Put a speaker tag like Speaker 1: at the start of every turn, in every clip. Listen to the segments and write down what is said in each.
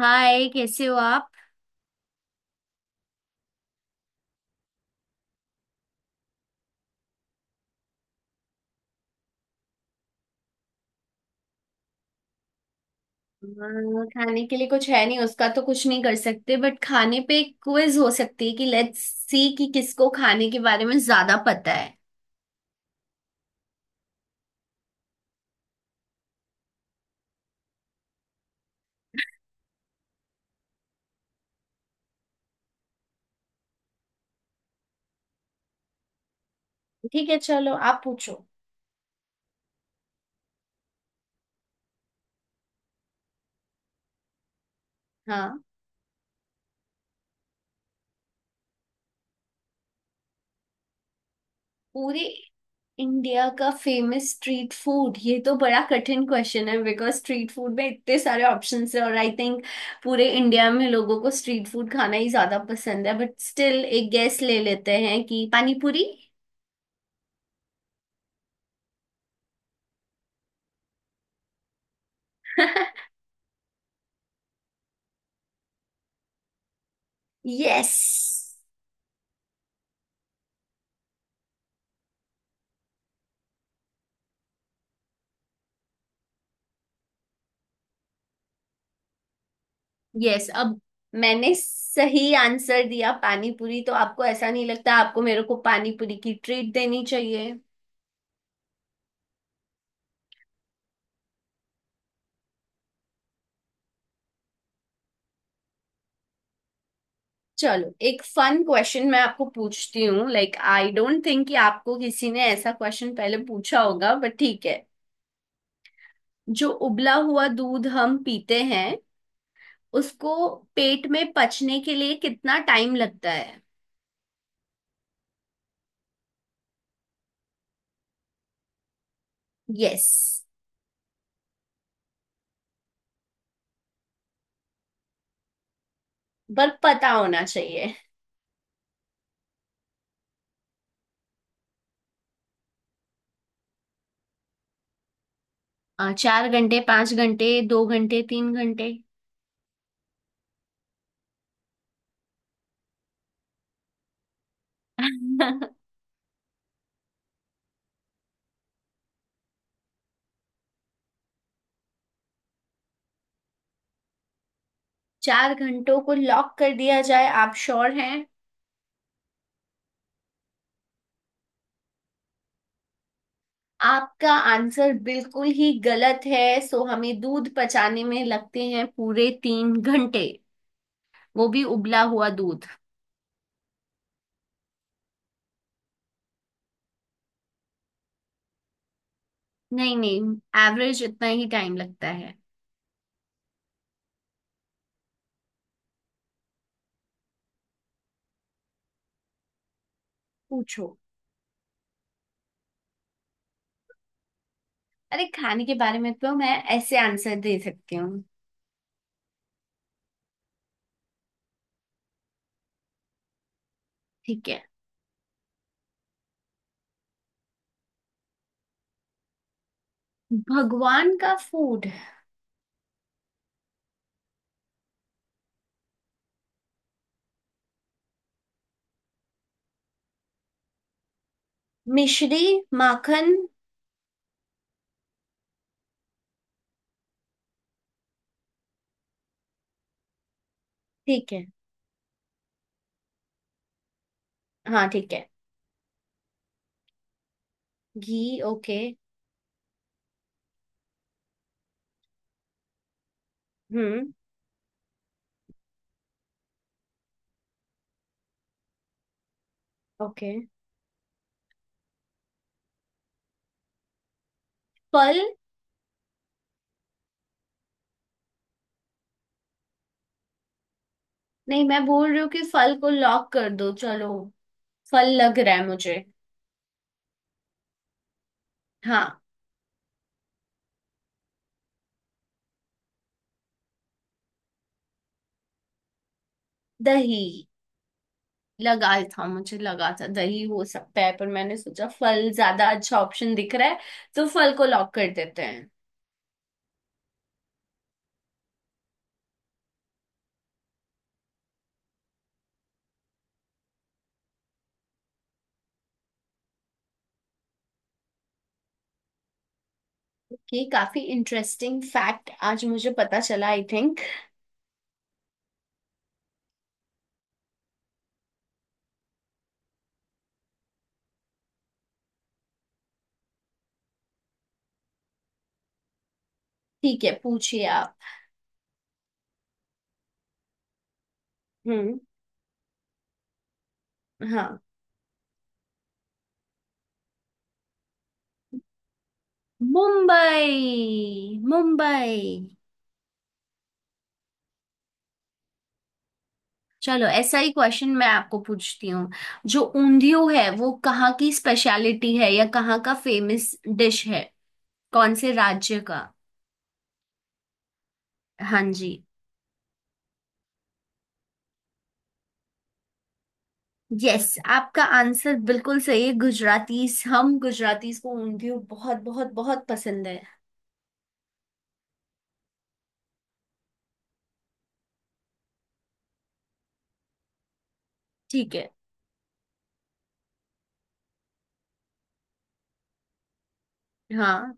Speaker 1: हाय, कैसे हो आप। हाँ, खाने के लिए कुछ है नहीं, उसका तो कुछ नहीं कर सकते, बट खाने पे एक क्विज हो सकती है कि लेट्स सी कि किसको खाने के बारे में ज्यादा पता है। ठीक है, चलो आप पूछो। हाँ। पूरे। इंडिया का फेमस स्ट्रीट फूड, ये तो बड़ा कठिन क्वेश्चन है बिकॉज स्ट्रीट फूड में इतने सारे ऑप्शंस हैं, और आई थिंक पूरे इंडिया में लोगों को स्ट्रीट फूड खाना ही ज्यादा पसंद है, बट स्टिल एक गैस ले लेते हैं कि पानी पूरी। यस। यस, अब मैंने सही आंसर दिया पानी पूरी, तो आपको ऐसा नहीं लगता आपको मेरे को पानी पूरी की ट्रीट देनी चाहिए। चलो, एक फन क्वेश्चन मैं आपको पूछती हूँ। लाइक आई डोंट थिंक कि आपको किसी ने ऐसा क्वेश्चन पहले पूछा होगा, बट ठीक है। जो उबला हुआ दूध हम पीते हैं उसको पेट में पचने के लिए कितना टाइम लगता है। यस। पर पता होना चाहिए। चार घंटे, पांच घंटे, दो घंटे, तीन घंटे। चार घंटों को लॉक कर दिया जाए, आप श्योर हैं। आपका आंसर बिल्कुल ही गलत है। सो हमें दूध पचाने में लगते हैं पूरे तीन घंटे, वो भी उबला हुआ दूध। नहीं नहीं, एवरेज इतना ही टाइम लगता है। पूछो। अरे, खाने के बारे में तो मैं ऐसे आंसर दे सकती हूँ। ठीक है। भगवान का फूड। मिश्री। माखन। ठीक है। हाँ ठीक है। घी, ओके। हम्म। ओके। फल। नहीं, मैं बोल रही हूँ कि फल को लॉक कर दो चलो। फल लग रहा है मुझे। हाँ। दही। लगा था, मुझे लगा था दही हो सकता है पर मैंने सोचा फल ज्यादा अच्छा ऑप्शन दिख रहा है, तो फल को लॉक कर देते हैं। ओके, काफी इंटरेस्टिंग फैक्ट आज मुझे पता चला आई थिंक। ठीक है, पूछिए आप। हम्म। हाँ। मुंबई, मुंबई। चलो, ऐसा ही क्वेश्चन मैं आपको पूछती हूँ। जो ऊंधियो है वो कहाँ की स्पेशलिटी है, या कहाँ का फेमस डिश है। कौन से राज्य का। हाँ जी। यस, आपका आंसर बिल्कुल सही है। गुजरातीस, हम गुजरातीस को ऊंधियो बहुत बहुत बहुत पसंद है। ठीक है। हाँ।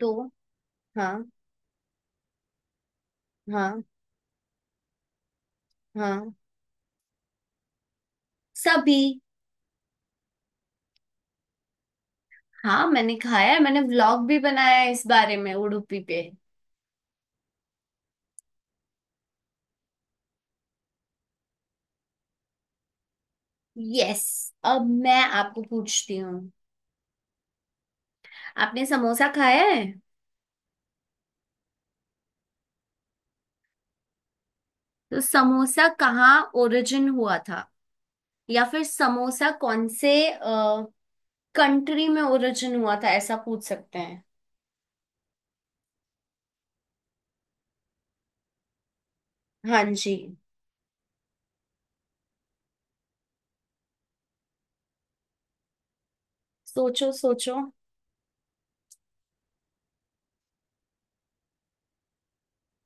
Speaker 1: तो। हाँ। हाँ। हाँ। सभी। हाँ, मैंने खाया है, मैंने व्लॉग भी बनाया है इस बारे में, उडुपी पे। यस, अब मैं आपको पूछती हूँ, आपने समोसा खाया है। तो समोसा कहाँ ओरिजिन हुआ था, या फिर समोसा कौन से कंट्री में ओरिजिन हुआ था, ऐसा पूछ सकते हैं। हाँ जी। सोचो सोचो।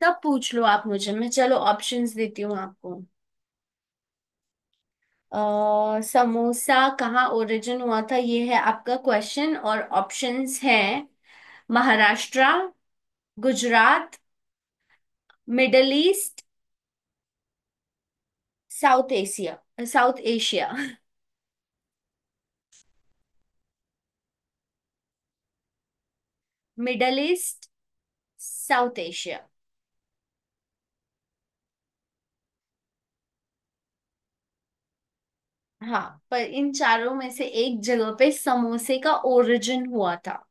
Speaker 1: तब पूछ लो आप मुझे, मैं चलो ऑप्शंस देती हूँ आपको। समोसा कहाँ ओरिजिन हुआ था ये है आपका क्वेश्चन, और ऑप्शंस हैं। Maharashtra. Gujarat. Middle East. South Asia. South Asia. Middle East. South Asia. हाँ, पर इन चारों में से एक जगह पे समोसे का ओरिजिन हुआ था।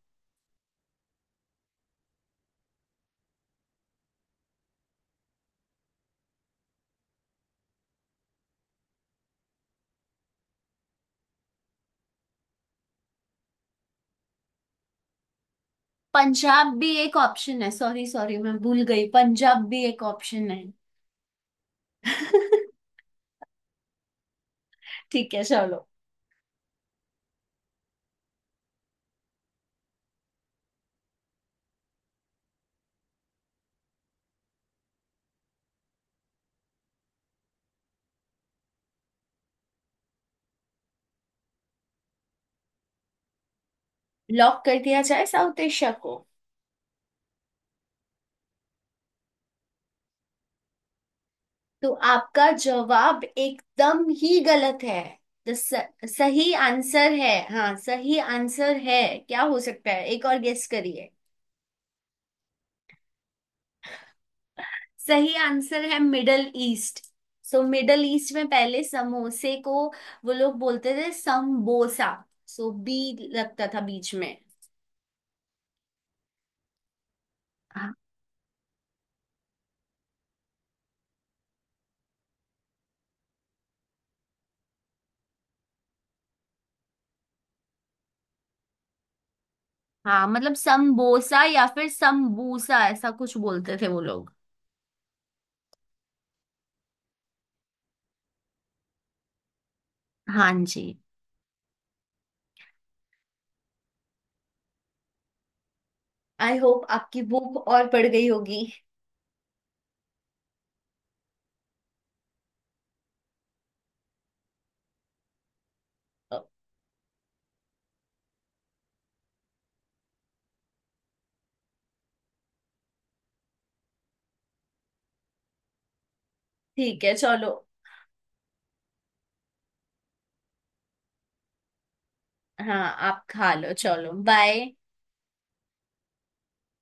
Speaker 1: पंजाब भी एक ऑप्शन है, सॉरी सॉरी, मैं भूल गई, पंजाब भी एक ऑप्शन है। ठीक है चलो। लॉक कर दिया जाए साउथ एशिया को। तो आपका जवाब एकदम ही गलत है। तो स, सही आंसर है, हाँ सही आंसर है। क्या हो सकता है, एक और गेस करिए। सही आंसर है Middle East. So Middle East में पहले समोसे को वो लोग बोलते थे समबोसा, सो बी लगता था बीच में। हाँ। हाँ, मतलब समबोसा या फिर समबूसा ऐसा कुछ बोलते थे वो लोग। हाँ जी। आई होप आपकी भूख और बढ़ गई होगी। ठीक है चलो। हाँ, आप खा लो, चलो बाय।